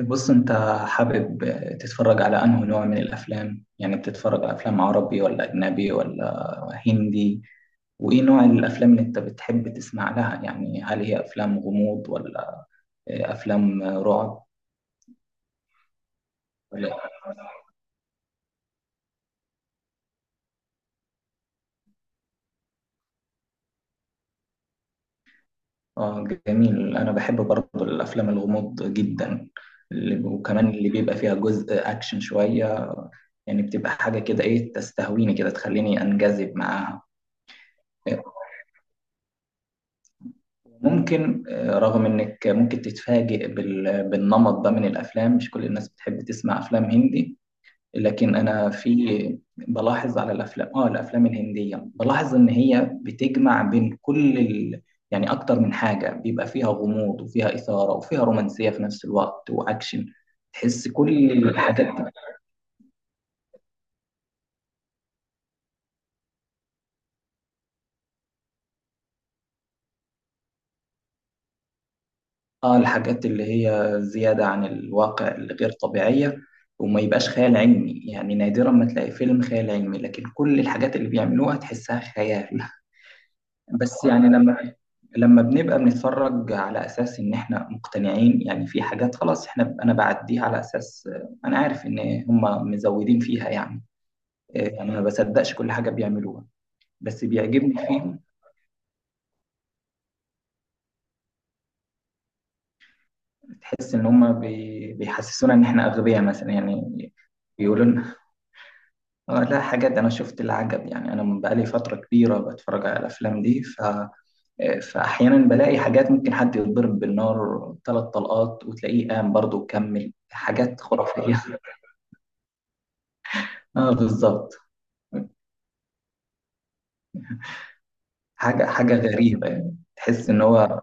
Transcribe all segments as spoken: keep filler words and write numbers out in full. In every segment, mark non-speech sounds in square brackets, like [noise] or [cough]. بص انت حابب تتفرج على انه نوع من الافلام؟ يعني بتتفرج على افلام عربي ولا اجنبي ولا هندي؟ وايه نوع الافلام اللي انت بتحب تسمع لها؟ يعني هل هي افلام غموض ولا افلام رعب ولا؟ اه جميل، انا بحب برضه الافلام الغموض جدا، اللي- وكمان اللي بيبقى فيها جزء اكشن شوية، يعني بتبقى حاجة كده ايه تستهويني كده تخليني انجذب معاها. ممكن آه، رغم انك ممكن تتفاجئ بال- بالنمط ده من الافلام، مش كل الناس بتحب تسمع افلام هندي، لكن انا في بلاحظ على الافلام اه الافلام الهندية، بلاحظ ان هي بتجمع بين كل ال... يعني اكتر من حاجة، بيبقى فيها غموض وفيها اثارة وفيها رومانسية في نفس الوقت واكشن، تحس كل الحاجات. اه الحاجات اللي هي زيادة عن الواقع الغير طبيعية، وما يبقاش خيال علمي، يعني نادرا ما تلاقي فيلم خيال علمي لكن كل الحاجات اللي بيعملوها تحسها خيال. [laughs] بس يعني لما لما بنبقى بنتفرج على أساس إن إحنا مقتنعين، يعني في حاجات خلاص إحنا أنا بعديها على أساس، آه، أنا عارف إن هما مزودين فيها يعني. آه، يعني ما بصدقش كل حاجة بيعملوها. بس بيعجبني فيهم، تحس إن هما بي- بيحسسونا إن إحنا أغبياء مثلا يعني، بيقولوا لنا. آه لا، حاجات أنا شفت العجب يعني، أنا من بقالي فترة كبيرة بتفرج على الأفلام دي ف... آه، فأحيانا بلاقي حاجات، ممكن حد يتضرب بالنار ثلاث طلقات وتلاقيه قام برضه وكمل حاجات خرافية. [laughs] اه بالظبط. حاجة حاجة غريبة يعني تحس إن هو.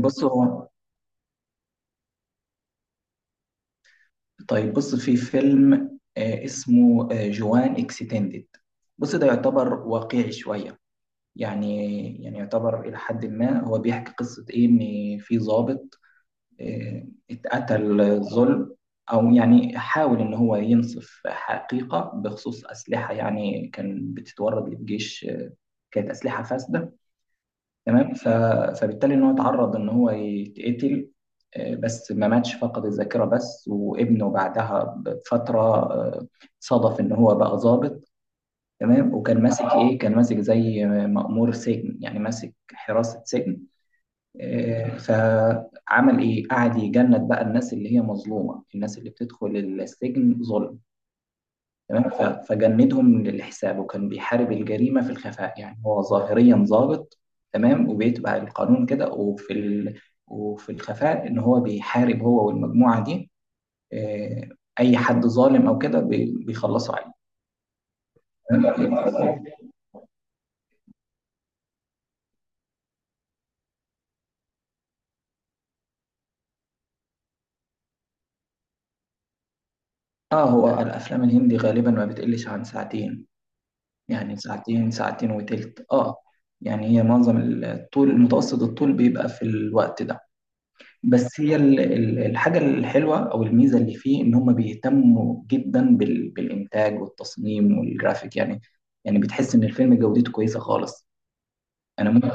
بص هو، طيب بص في فيلم آه، اسمه آه، جوان اكستندد. بص ده يعتبر واقعي شوية، يعني يعني يعتبر إلى حد ما، هو بيحكي قصة إيه، إن في ضابط آه، اتقتل ظلم، أو يعني حاول إن هو ينصف حقيقة بخصوص أسلحة يعني كان بتتورد للجيش آه، كانت أسلحة فاسدة. تمام، ف- فبالتالي إن هو اتعرض إن هو يتقتل، آه، بس ما ماتش، فقد الذاكرة بس، وابنه بعدها بفترة آه، صادف إن هو بقى ضابط. تمام، وكان ماسك إيه، كان ماسك زي مأمور سجن يعني ماسك حراسة سجن. آه، فعمل ايه، قعد يجند بقى الناس اللي هي مظلومه، الناس اللي بتدخل السجن ظلم. تمام، ف- فجندهم للحساب وكان بيحارب الجريمه في الخفاء، يعني هو ظاهريا ضابط تمام وبيتبع القانون كده، وفي ال... وفي الخفاء ان هو بيحارب، هو والمجموعه دي، آه، اي حد ظالم او كده بي- بيخلصوا عليه. تمام؟ اه هو الافلام الهندي غالبا ما بتقلش عن ساعتين، يعني ساعتين ساعتين وتلت اه، يعني هي معظم الطول، متوسط الطول بيبقى في الوقت ده. بس هي ال- ال- الحاجة الحلوة أو الميزة اللي فيه، إن هم بيهتموا جدا بال- بالإنتاج والتصميم والجرافيك يعني، يعني بتحس إن الفيلم جودته كويسة خالص. أنا ممكن،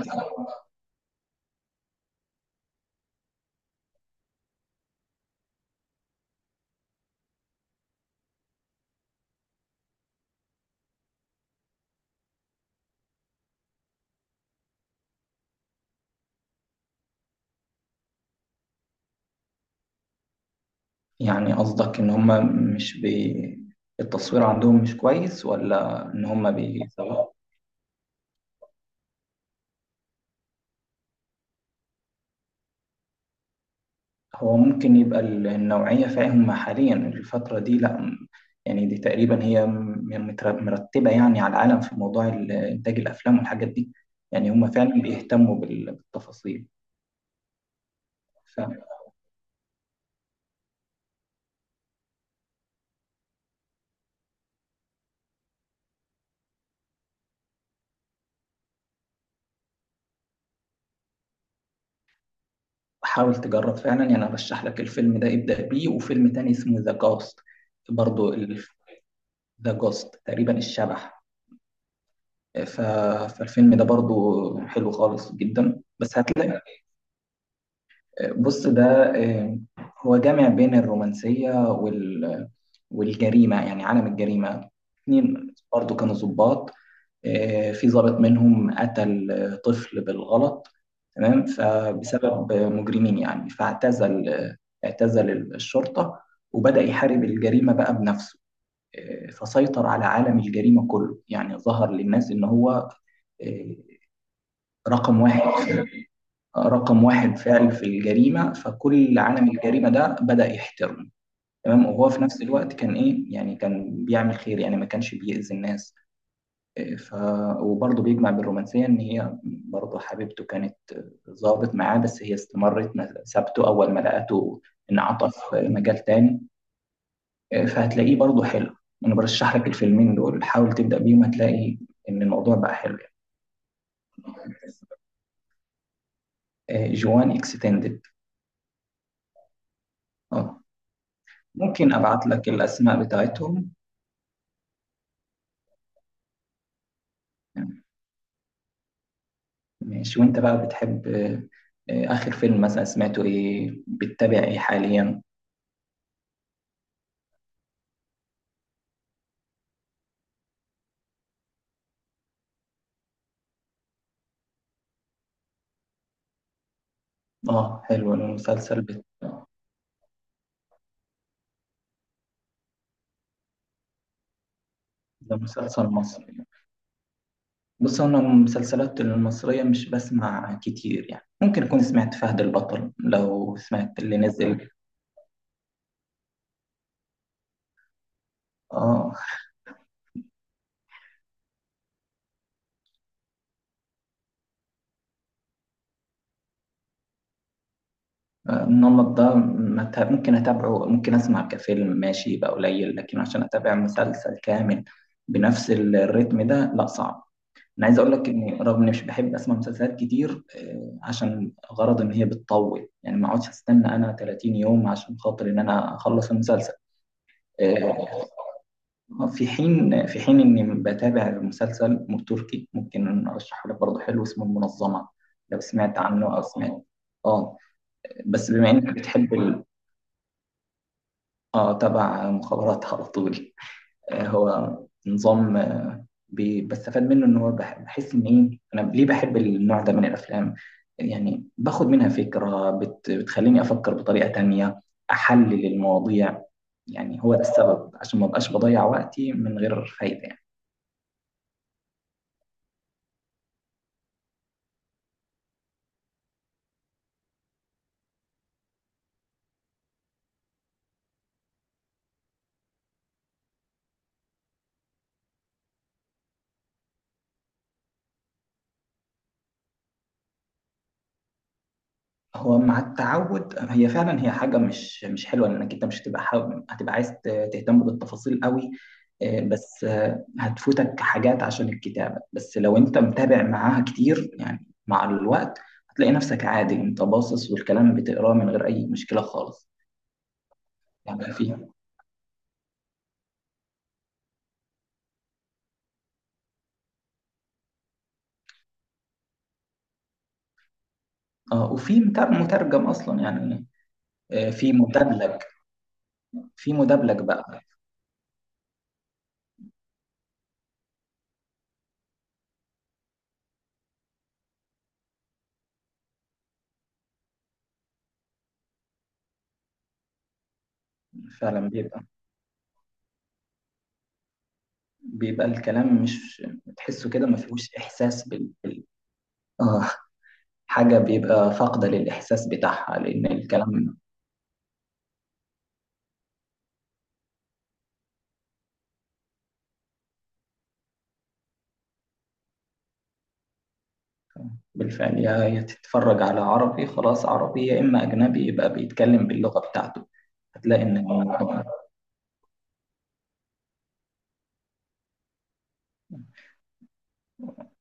يعني قصدك إن هم مش بي التصوير عندهم مش كويس، ولا إن هم بي. هو ممكن يبقى ال- النوعية، فاهم، حاليا الفترة دي لا م- يعني دي تقريبا هي م- متر- مرتبة يعني على العالم في موضوع ال- إنتاج الأفلام والحاجات دي. يعني هم فعلا بيهتموا بال- بالتفاصيل. فحاول تجرب فعلا يعني، أنا برشح لك الفيلم ده ابدأ بيه، وفيلم تاني اسمه ذا جوست. برضو ذا جوست، تقريبا الشبح. ف- فالفيلم ده برضو حلو خالص جدا بس هتلاقي. بص ده، آه، هو جامع بين الرومانسية وال، والجريمة يعني عالم الجريمة. اتنين برضو كانوا ضباط، آه، في ضابط منهم قتل آه، طفل بالغلط. تمام فبسبب آه، مجرمين، يعني فاعتزل آه، اعتزل الشرطة، وبدأ يحارب الجريمة بقى بنفسه. آه، فسيطر على عالم الجريمة كله، يعني ظهر للناس إن هو آه، رقم واحد، رقم واحد فعل في الجريمة، فكل عالم الجريمة ده بدأ يحترمه. تمام، وهو في نفس الوقت كان إيه، يعني كان بيعمل خير يعني ما كانش بيأذي الناس. إيه، ف وبرضه بيجمع بالرومانسية إن هي برضه حبيبته كانت ظابط معاه، بس هي استمرت ما سابته أول ما لقته، انعطف مجال تاني. إيه، فهتلاقيه برضه حلو. أنا برشح لك الفيلمين دول، حاول تبدأ بيهم، هتلاقي إن الموضوع بقى حلو يعني. إيه، جوان اكستندد. اه، ممكن ابعت لك الاسماء بتاعتهم. ماشي، وانت بقى بتحب آه، آه، اخر فيلم مثلا سمعته ايه، بتتابع ايه حاليا؟ اه حلو المسلسل بت... آه، ده مسلسل مصري؟ بص انا المسلسلات المصرية مش بسمع كتير يعني، ممكن اكون سمعت فهد البطل لو سمعت اللي نزل. اه آه، النمط ده ما ت- ممكن اتابعه، ممكن اسمع كفيلم ماشي يبقى قليل، لكن عشان اتابع مسلسل كامل بنفس الريتم ده لا صعب. انا عايز اقول لك اني رغم اني مش بحب اسمع مسلسلات كتير آه، عشان غرض ان هي بتطول، يعني ما اقعدش استنى انا ثلاثين يوم عشان خاطر ان انا اخلص المسلسل. آه، في حين في حين اني بتابع مسلسل تركي ممكن ارشحه لك برضه، حلو اسمه المنظمة، لو سمعت عنه او سمعت. اه بس بما انك بتحب ال... اه تبع مخابرات على طول. آه، هو نظام بي- بستفاد منه، ان هو بح- بحس ان ايه انا ليه بحب النوع ده من الافلام، يعني باخد منها فكرة بت بتخليني افكر بطريقة تانية، احلل المواضيع. يعني هو ده السبب عشان ما بقاش بضيع وقتي من غير فايدة يعني. هو مع التعود، هي فعلا هي حاجه مش مش حلوه، لانك انت مش هتبقى حابب، هتبقى عايز ت- تهتم بالتفاصيل قوي. آه، بس آه، هتفوتك حاجات عشان الكتابه، بس لو انت متابع معاها كتير يعني مع الوقت هتلاقي نفسك عادي، انت باصص والكلام بتقراه من غير اي مشكله خالص. يعني في اه، وفي متر- مترجم اصلا يعني. آه، في مدبلج، في مدبلج بقى فعلا بيبقى، بيبقى الكلام مش تحسه كده ما فيهوش احساس بال بال- اه حاجة بيبقى فاقدة للإحساس بتاعها لأن الكلام. بالفعل، يا يا تتفرج على عربي خلاص عربي، يا إما أجنبي يبقى بيتكلم باللغة بتاعته. هتلاقي إن،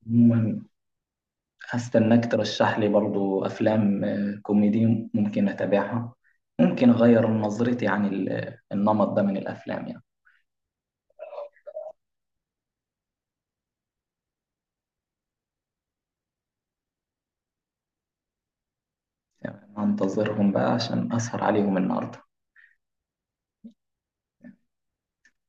عموماً هستناك ترشح لي برضو أفلام آه، كوميدي ممكن أتابعها، ممكن أغير نظرتي عن ال- النمط ده من الأفلام يعني. هنتظرهم بقى عشان أسهر عليهم النهاردة.